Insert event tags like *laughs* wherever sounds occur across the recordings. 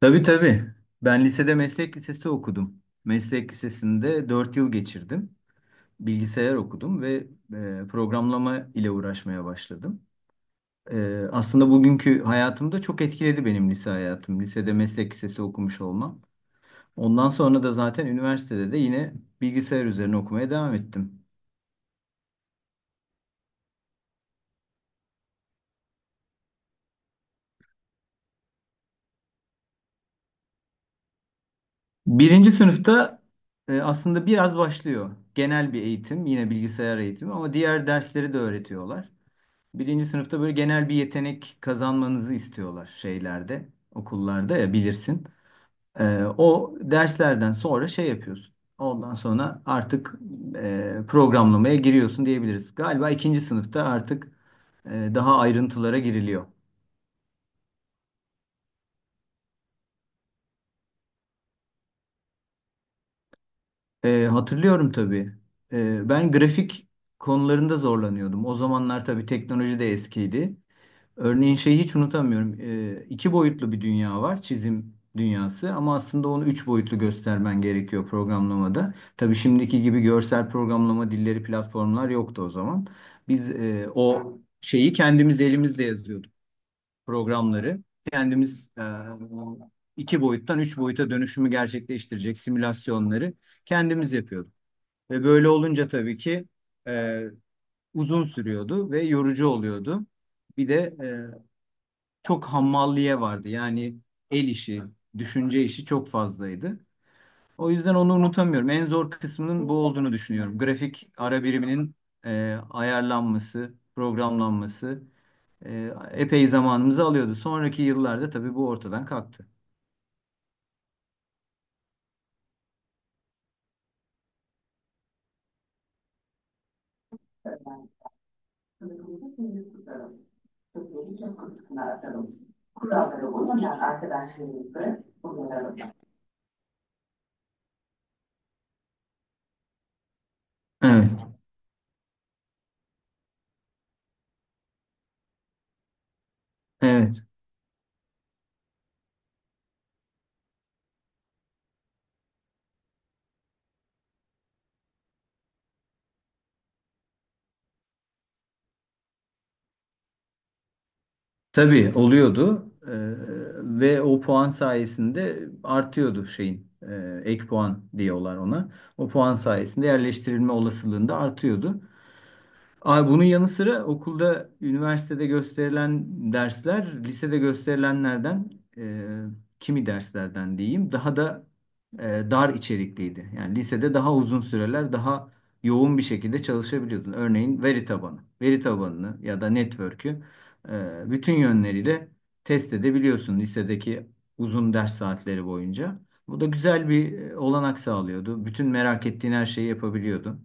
Tabii tabii. Ben lisede meslek lisesi okudum. Meslek lisesinde 4 yıl geçirdim. Bilgisayar okudum ve programlama ile uğraşmaya başladım. Aslında bugünkü hayatımda çok etkiledi benim lise hayatım. Lisede meslek lisesi okumuş olmam. Ondan sonra da zaten üniversitede de yine bilgisayar üzerine okumaya devam ettim. Birinci sınıfta aslında biraz başlıyor. Genel bir eğitim, yine bilgisayar eğitimi ama diğer dersleri de öğretiyorlar. Birinci sınıfta böyle genel bir yetenek kazanmanızı istiyorlar şeylerde, okullarda ya bilirsin. O derslerden sonra şey yapıyorsun. Ondan sonra artık programlamaya giriyorsun diyebiliriz. Galiba ikinci sınıfta artık daha ayrıntılara giriliyor. Hatırlıyorum tabii. Ben grafik konularında zorlanıyordum. O zamanlar tabii teknoloji de eskiydi. Örneğin şeyi hiç unutamıyorum. 2 boyutlu bir dünya var, çizim dünyası ama aslında onu 3 boyutlu göstermen gerekiyor programlamada. Tabii şimdiki gibi görsel programlama dilleri, platformlar yoktu o zaman. Biz o şeyi kendimiz elimizle yazıyorduk, programları. Kendimiz 2 boyuttan 3 boyuta dönüşümü gerçekleştirecek simülasyonları kendimiz yapıyorduk. Ve böyle olunca tabii ki e, uzun sürüyordu ve yorucu oluyordu. Bir de e, çok hammalliye vardı. Yani el işi, düşünce işi çok fazlaydı. O yüzden onu unutamıyorum. En zor kısmının bu olduğunu düşünüyorum. Grafik ara biriminin ayarlanması, programlanması epey zamanımızı alıyordu. Sonraki yıllarda tabii bu ortadan kalktı. Evet, evet. Tabii oluyordu. Ve o puan sayesinde artıyordu şeyin ek puan diyorlar ona. O puan sayesinde yerleştirilme olasılığında artıyordu. Abi bunun yanı sıra okulda, üniversitede gösterilen dersler, lisede gösterilenlerden, e, kimi derslerden diyeyim, daha da e, dar içerikliydi. Yani lisede daha uzun süreler, daha yoğun bir şekilde çalışabiliyordun. Örneğin veri tabanı, veri tabanını ya da network'ü bütün yönleriyle test edebiliyorsun lisedeki uzun ders saatleri boyunca. Bu da güzel bir olanak sağlıyordu. Bütün merak ettiğin her şeyi yapabiliyordun.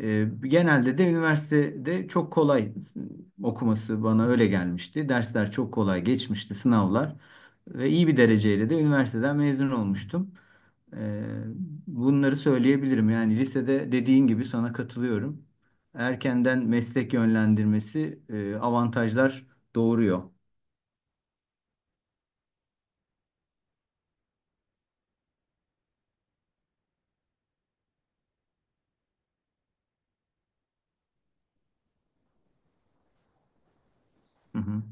Genelde de üniversitede çok kolay okuması bana öyle gelmişti. Dersler çok kolay geçmişti, sınavlar. Ve iyi bir dereceyle de üniversiteden mezun olmuştum. E, bunları söyleyebilirim. Yani lisede dediğin gibi sana katılıyorum. Erkenden meslek yönlendirmesi avantajlar doğuruyor. Hı hı.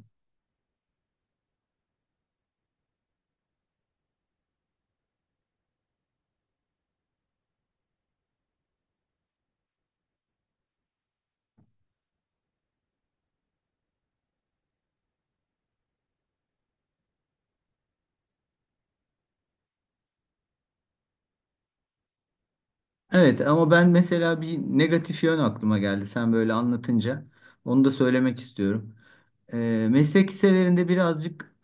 Evet ama ben mesela bir negatif yön aklıma geldi sen böyle anlatınca. Onu da söylemek istiyorum. Meslek liselerinde birazcık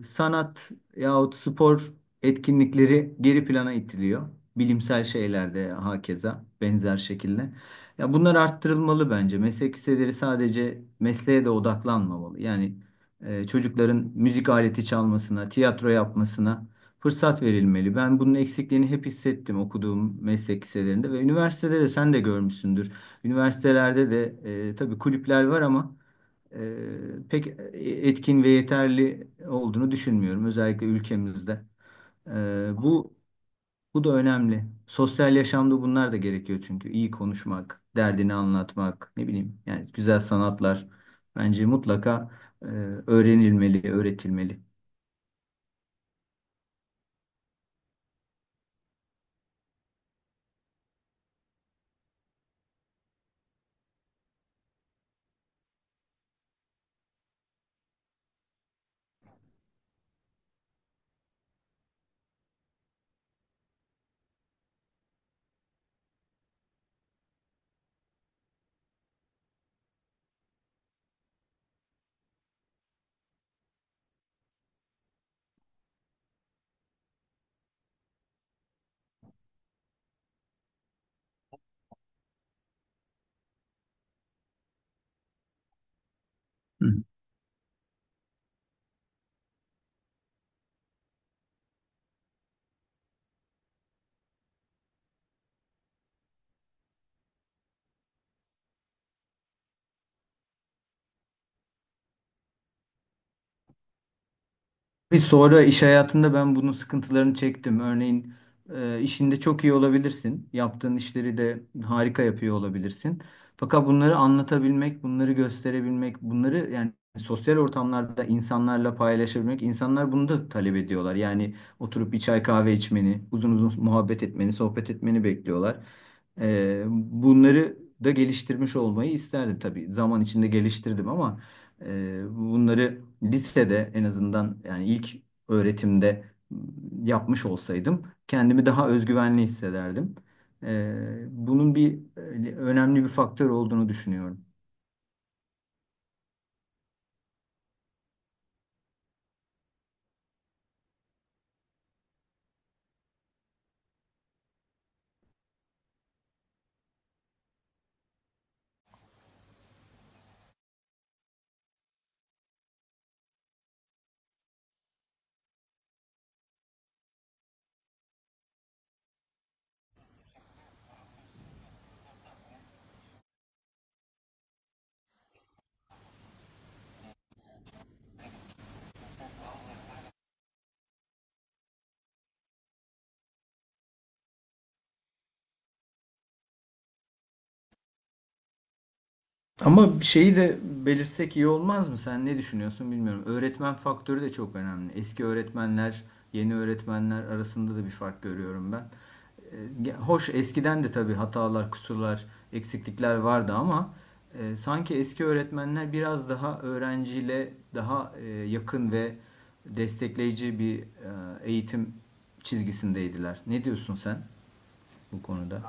sanat yahut spor etkinlikleri geri plana itiliyor. Bilimsel şeylerde hakeza benzer şekilde. Ya bunlar arttırılmalı bence. Meslek liseleri sadece mesleğe de odaklanmamalı. Yani çocukların müzik aleti çalmasına, tiyatro yapmasına fırsat verilmeli. Ben bunun eksikliğini hep hissettim okuduğum meslek liselerinde ve üniversitede de sen de görmüşsündür. Üniversitelerde de tabii kulüpler var ama e, pek e, etkin ve yeterli olduğunu düşünmüyorum. Özellikle ülkemizde. E, bu bu da önemli. Sosyal yaşamda bunlar da gerekiyor çünkü iyi konuşmak, derdini anlatmak, ne bileyim yani güzel sanatlar bence mutlaka e, öğrenilmeli, öğretilmeli. Hı. Ve sonra iş hayatında ben bunun sıkıntılarını çektim. Örneğin işinde çok iyi olabilirsin. Yaptığın işleri de harika yapıyor olabilirsin. Fakat bunları anlatabilmek, bunları gösterebilmek, bunları yani sosyal ortamlarda insanlarla paylaşabilmek, insanlar bunu da talep ediyorlar. Yani oturup bir çay kahve içmeni, uzun uzun muhabbet etmeni, sohbet etmeni bekliyorlar. Bunları da geliştirmiş olmayı isterdim tabii. Zaman içinde geliştirdim ama bunları lisede en azından yani ilk öğretimde ıı, yapmış olsaydım kendimi daha özgüvenli hissederdim. Bunun bir önemli bir faktör olduğunu düşünüyorum. Ama bir şeyi de belirtsek iyi olmaz mı? Sen ne düşünüyorsun bilmiyorum. Öğretmen faktörü de çok önemli. Eski öğretmenler, yeni öğretmenler arasında da bir fark görüyorum ben. E, Hoş eskiden de tabii hatalar, kusurlar, eksiklikler vardı ama sanki eski öğretmenler biraz daha öğrenciyle daha yakın ve destekleyici bir eğitim çizgisindeydiler. Ne diyorsun sen bu konuda?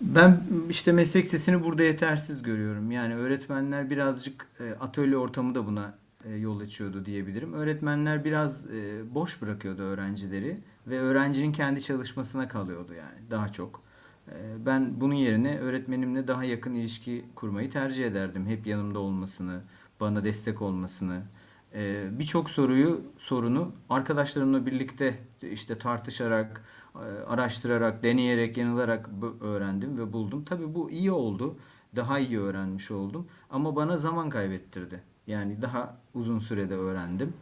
Ben işte meslek sesini burada yetersiz görüyorum. Yani öğretmenler birazcık atölye ortamı da buna yol açıyordu diyebilirim. Öğretmenler biraz boş bırakıyordu öğrencileri ve öğrencinin kendi çalışmasına kalıyordu yani daha çok. E, Ben bunun yerine öğretmenimle daha yakın ilişki kurmayı tercih ederdim. Hep yanımda olmasını, bana destek olmasını. Birçok soruyu sorunu arkadaşlarımla birlikte işte tartışarak, araştırarak, deneyerek, yanılarak öğrendim ve buldum. Tabii bu iyi oldu. Daha iyi öğrenmiş oldum. Ama bana zaman kaybettirdi. Yani daha uzun sürede öğrendim.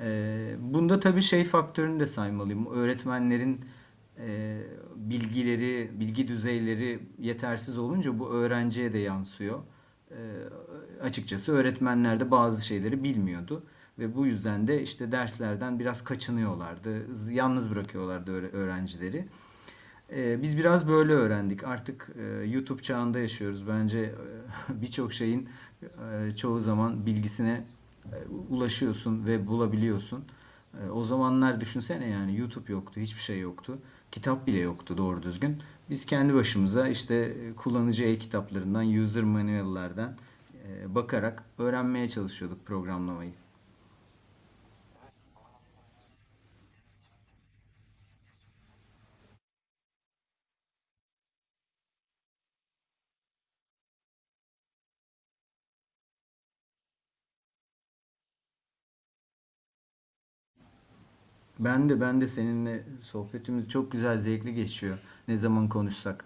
Bunda tabii şey faktörünü de saymalıyım. Öğretmenlerin e, bilgileri, bilgi düzeyleri yetersiz olunca bu öğrenciye de yansıyor. Ee, açıkçası öğretmenler de bazı şeyleri bilmiyordu ve bu yüzden de işte derslerden biraz kaçınıyorlardı. Yalnız bırakıyorlardı öğrencileri. Biz biraz böyle öğrendik. Artık YouTube çağında yaşıyoruz. Bence *laughs* birçok şeyin çoğu zaman bilgisine e, ulaşıyorsun ve bulabiliyorsun. O zamanlar düşünsene yani YouTube yoktu, hiçbir şey yoktu. Kitap bile yoktu doğru düzgün. Biz kendi başımıza işte kullanıcı e-kitaplarından, user manual'lardan bakarak öğrenmeye çalışıyorduk programlamayı. Ben de seninle sohbetimiz çok güzel, zevkli geçiyor. Ne zaman konuşsak.